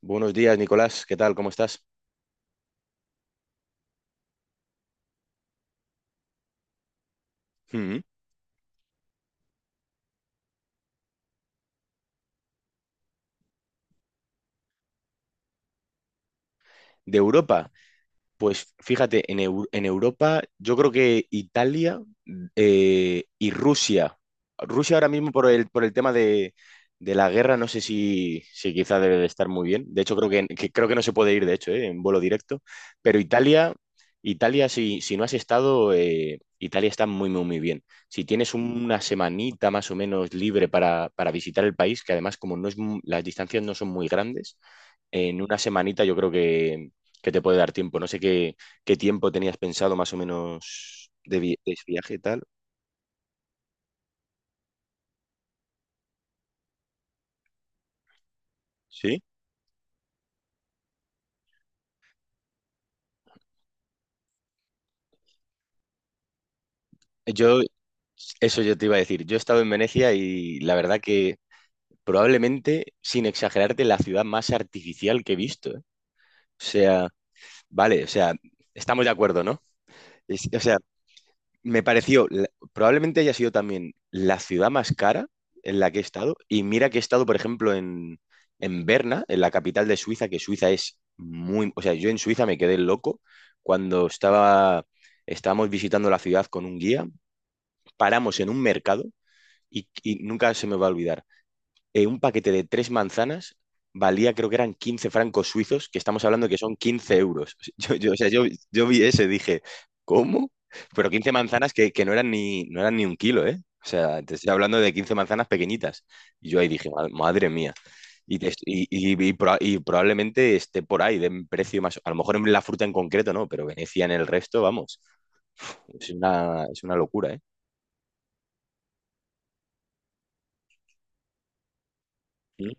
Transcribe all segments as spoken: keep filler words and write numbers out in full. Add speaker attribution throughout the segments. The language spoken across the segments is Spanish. Speaker 1: Buenos días, Nicolás. ¿Qué tal? ¿Cómo estás? Mm. De Europa. Pues fíjate, en, Eu- en Europa yo creo que Italia eh, y Rusia. Rusia ahora mismo por el, por el tema de, de la guerra no sé si, si quizá debe de estar muy bien. De hecho creo que, que creo que no se puede ir, de hecho, eh, en vuelo directo. Pero Italia, Italia si, si no has estado, eh, Italia está muy, muy, muy bien. Si tienes una semanita más o menos libre para, para visitar el país, que además como no es, mu- las distancias no son muy grandes, en una semanita yo creo que te puede dar tiempo. No sé qué, qué tiempo tenías pensado más o menos de, vi- de viaje y tal. Sí. Yo, eso yo te iba a decir. Yo he estado en Venecia y la verdad que probablemente, sin exagerarte, la ciudad más artificial que he visto, ¿eh? O sea, vale, o sea, estamos de acuerdo, ¿no? Es- o sea, me pareció, la- probablemente haya sido también la ciudad más cara en la que he estado. Y mira que he estado, por ejemplo, en, en Berna, en la capital de Suiza, que Suiza es muy... O sea, yo en Suiza me quedé loco cuando estaba, estábamos visitando la ciudad con un guía, paramos en un mercado y, y nunca se me va a olvidar eh, un paquete de tres manzanas valía, creo que eran quince francos suizos, que estamos hablando que son quince euros. Yo, yo, o sea, yo, yo vi ese, dije, ¿cómo? Pero quince manzanas que, que no eran ni, no eran ni un kilo, ¿eh? O sea, te estoy hablando de quince manzanas pequeñitas. Y yo ahí dije, "Ma- madre mía". Y, te- y- y- y proba- y probablemente esté por ahí, de un precio más. A lo mejor en la fruta en concreto no, pero Venecia en el resto, vamos. Es una, es una locura, ¿eh? Mm.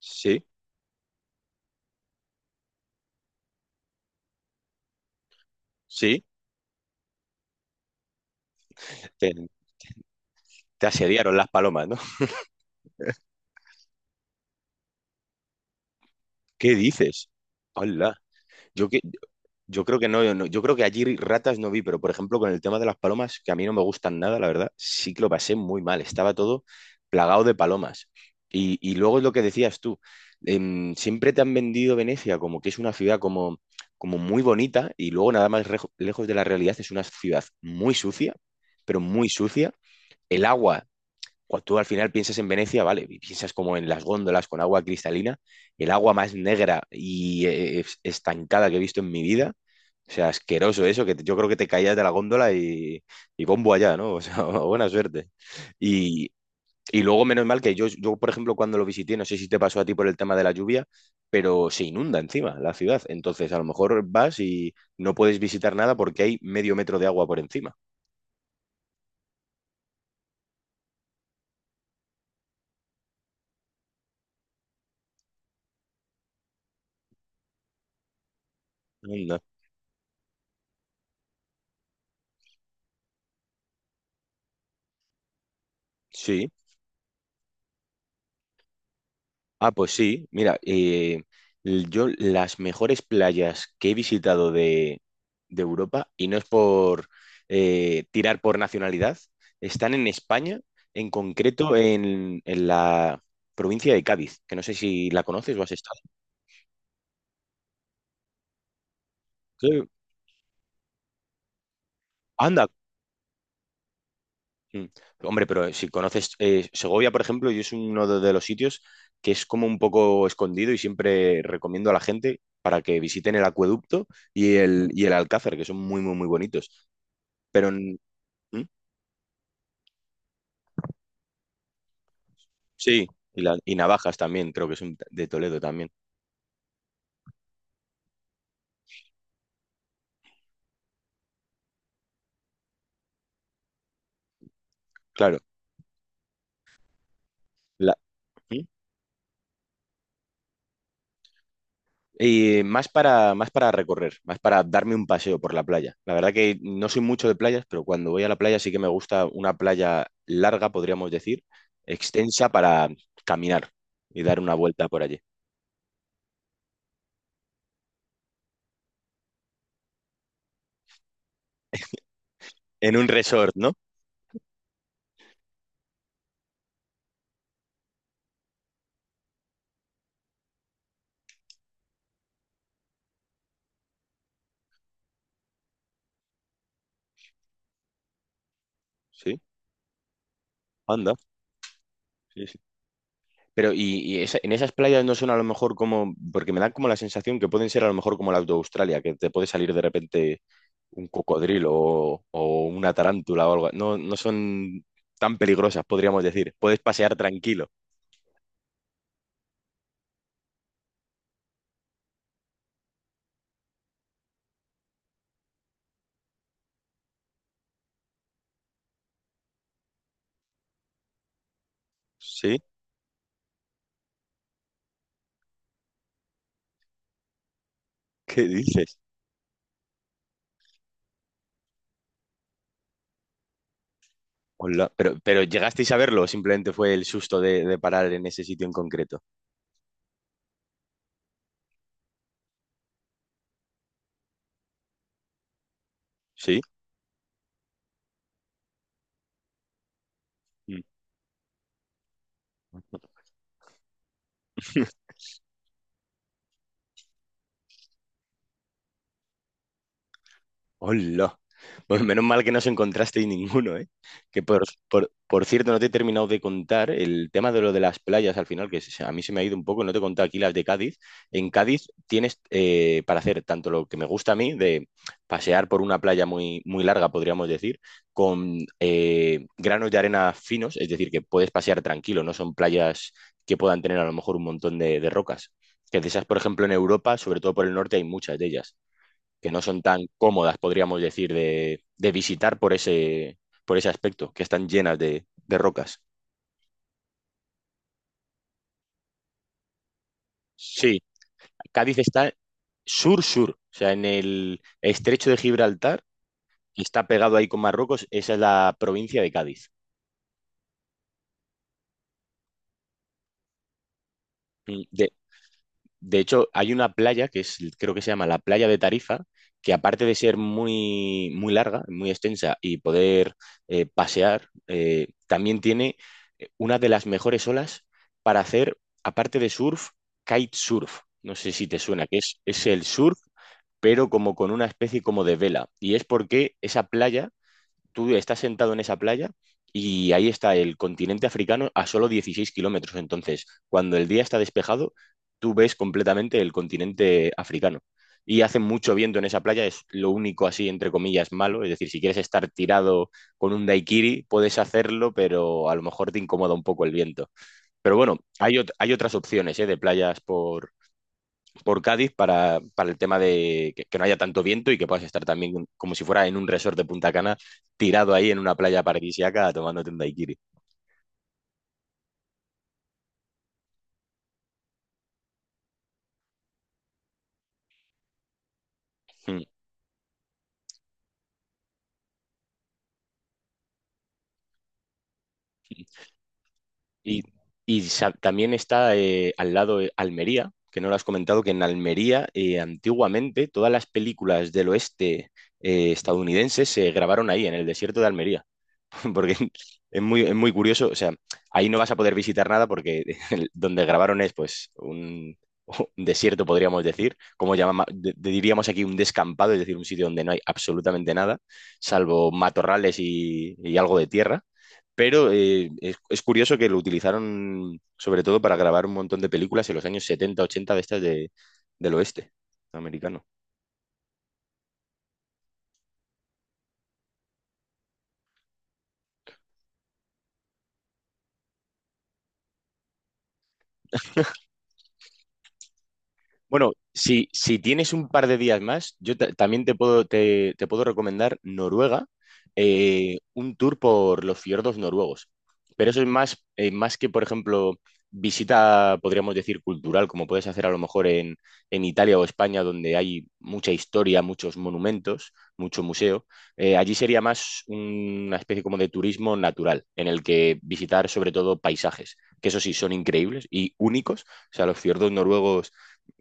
Speaker 1: Sí, sí. Te, te asediaron las palomas. ¿Qué dices? Hola. Yo que yo creo que no, no- yo creo que allí ratas no vi, pero por ejemplo con el tema de las palomas, que a mí no me gustan nada, la verdad, sí que lo pasé muy mal. Estaba todo plagado de palomas. Y, y luego es lo que decías tú, em, siempre te han vendido Venecia como que es una ciudad como, como muy bonita y luego nada más rejo- lejos de la realidad es una ciudad muy sucia, pero muy sucia. El agua cuando tú al final piensas en Venecia, vale, y piensas como en las góndolas con agua cristalina, el agua más negra y eh, estancada que he visto en mi vida. O sea, asqueroso eso, que te- yo creo que te caías de la góndola y, y bombo allá, ¿no? O sea, buena suerte. Y, y luego, menos mal que yo, yo, por ejemplo, cuando lo visité, no sé si te pasó a ti por el tema de la lluvia, pero se inunda encima la ciudad. Entonces, a lo mejor vas y no puedes visitar nada porque hay medio metro de agua por encima. Anda. Sí. Ah, pues sí, mira, eh, l- yo las mejores playas que he visitado de, de Europa, y no es por eh, tirar por nacionalidad, están en España, en concreto en, en la provincia de Cádiz, que no sé si la conoces o has estado. Sí. Anda, mm, hombre, pero si conoces eh, Segovia, por ejemplo, yo es uno de de los sitios que es como un poco escondido y siempre recomiendo a la gente para que visiten el acueducto y el, y el Alcázar, que son muy, muy, muy bonitos. Pero en- ¿Mm? Sí, y, la- y navajas también, creo que son de Toledo también. Claro. La, ¿mm? Y más para, más para recorrer, más para darme un paseo por la playa. La verdad que no soy mucho de playas, pero cuando voy a la playa sí que me gusta una playa larga, podríamos decir, extensa para caminar y dar una vuelta por allí. En un resort, ¿no? Sí, anda. Sí, sí. Pero y, y esa- en esas playas no son a lo mejor como, porque me dan como la sensación que pueden ser a lo mejor como las de Australia, que te puede salir de repente un cocodrilo o, o una tarántula o algo. No, no son tan peligrosas, podríamos decir. Puedes pasear tranquilo. ¿Sí? ¿Qué dices? Hola. Pero, pero ¿llegasteis a verlo o simplemente fue el susto de, de parar en ese sitio en concreto? ¿Sí? Mm. Hola. Bueno, menos mal que no os encontrasteis ninguno, ¿eh? Que por, por- por cierto, no te he terminado de contar el tema de lo de las playas al final, que se- a mí se me ha ido un poco, no te he contado aquí las de Cádiz. En Cádiz tienes eh, para hacer tanto lo que me gusta a mí, de pasear por una playa muy, muy larga, podríamos decir, con eh, granos de arena finos, es decir, que puedes pasear tranquilo, no son playas que puedan tener a lo mejor un montón de, de rocas. Que de esas, por ejemplo, en Europa, sobre todo por el norte, hay muchas de ellas que no son tan cómodas, podríamos decir, de, de visitar por ese, por ese aspecto, que están llenas de, de rocas. Sí, Cádiz está sur-sur, o sea, en el estrecho de Gibraltar, está pegado ahí con Marruecos, esa es la provincia de Cádiz. Mm. De De hecho, hay una playa que es, creo que se llama la playa de Tarifa, que aparte de ser muy, muy larga, muy extensa y poder eh, pasear, eh, también tiene eh, una de las mejores olas para hacer, aparte de surf, kitesurf. No sé si te suena, que es, es el surf, pero como con una especie como de vela. Y es porque esa playa tú estás sentado en esa playa y ahí está el continente africano a solo dieciséis kilómetros. Entonces, cuando el día está despejado, tú ves completamente el continente africano. Y hace mucho viento en esa playa, es lo único así, entre comillas, malo. Es decir, si quieres estar tirado con un daiquiri, puedes hacerlo, pero a lo mejor te incomoda un poco el viento. Pero bueno, hay, ot- hay otras opciones, ¿eh? De playas por, por Cádiz para, para el tema de que, que, no haya tanto viento y que puedas estar también como si fuera en un resort de Punta Cana, tirado ahí en una playa paradisíaca tomándote un daiquiri. Mm. Y, y sa- también está eh, al lado eh, Almería, que no lo has comentado, que en Almería eh, antiguamente todas las películas del oeste eh, estadounidenses se grabaron ahí, en el desierto de Almería. Porque es muy, es muy curioso. O sea, ahí no vas a poder visitar nada porque el- donde grabaron es pues un, un desierto, podríamos decir, como llamamos, diríamos aquí un descampado, es decir, un sitio donde no hay absolutamente nada, salvo matorrales y, y algo de tierra. Pero eh, es, es curioso que lo utilizaron sobre todo para grabar un montón de películas en los años setenta ochenta de estas de, del oeste americano. Bueno, si, si tienes un par de días más, yo ta- también te puedo, te, te puedo recomendar Noruega, eh, un tour por los fiordos noruegos. Pero eso es más, eh, más que, por ejemplo, visita, podríamos decir, cultural, como puedes hacer a lo mejor en, en Italia o España, donde hay mucha historia, muchos monumentos, mucho museo. Eh, allí sería más una especie como de turismo natural, en el que visitar sobre todo paisajes, que eso sí son increíbles y únicos. O sea, los fiordos noruegos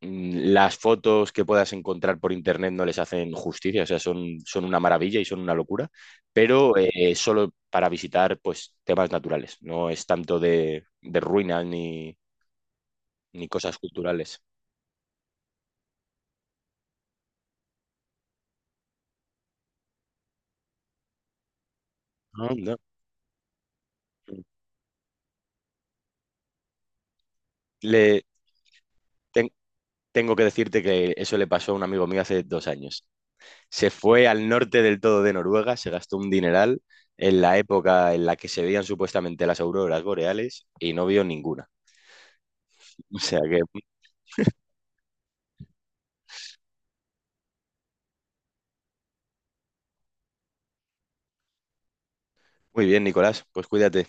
Speaker 1: las fotos que puedas encontrar por internet no les hacen justicia, o sea, son, son una maravilla y son una locura, pero eh, solo para visitar pues, temas naturales, no es tanto de, de ruinas ni, ni cosas culturales. Ah, no. Le, ten- Tengo que decirte que eso le pasó a un amigo mío hace dos años. Se fue al norte del todo de Noruega, se gastó un dineral en la época en la que se veían supuestamente las auroras boreales y no vio ninguna. O sea que, muy bien, Nicolás, pues cuídate.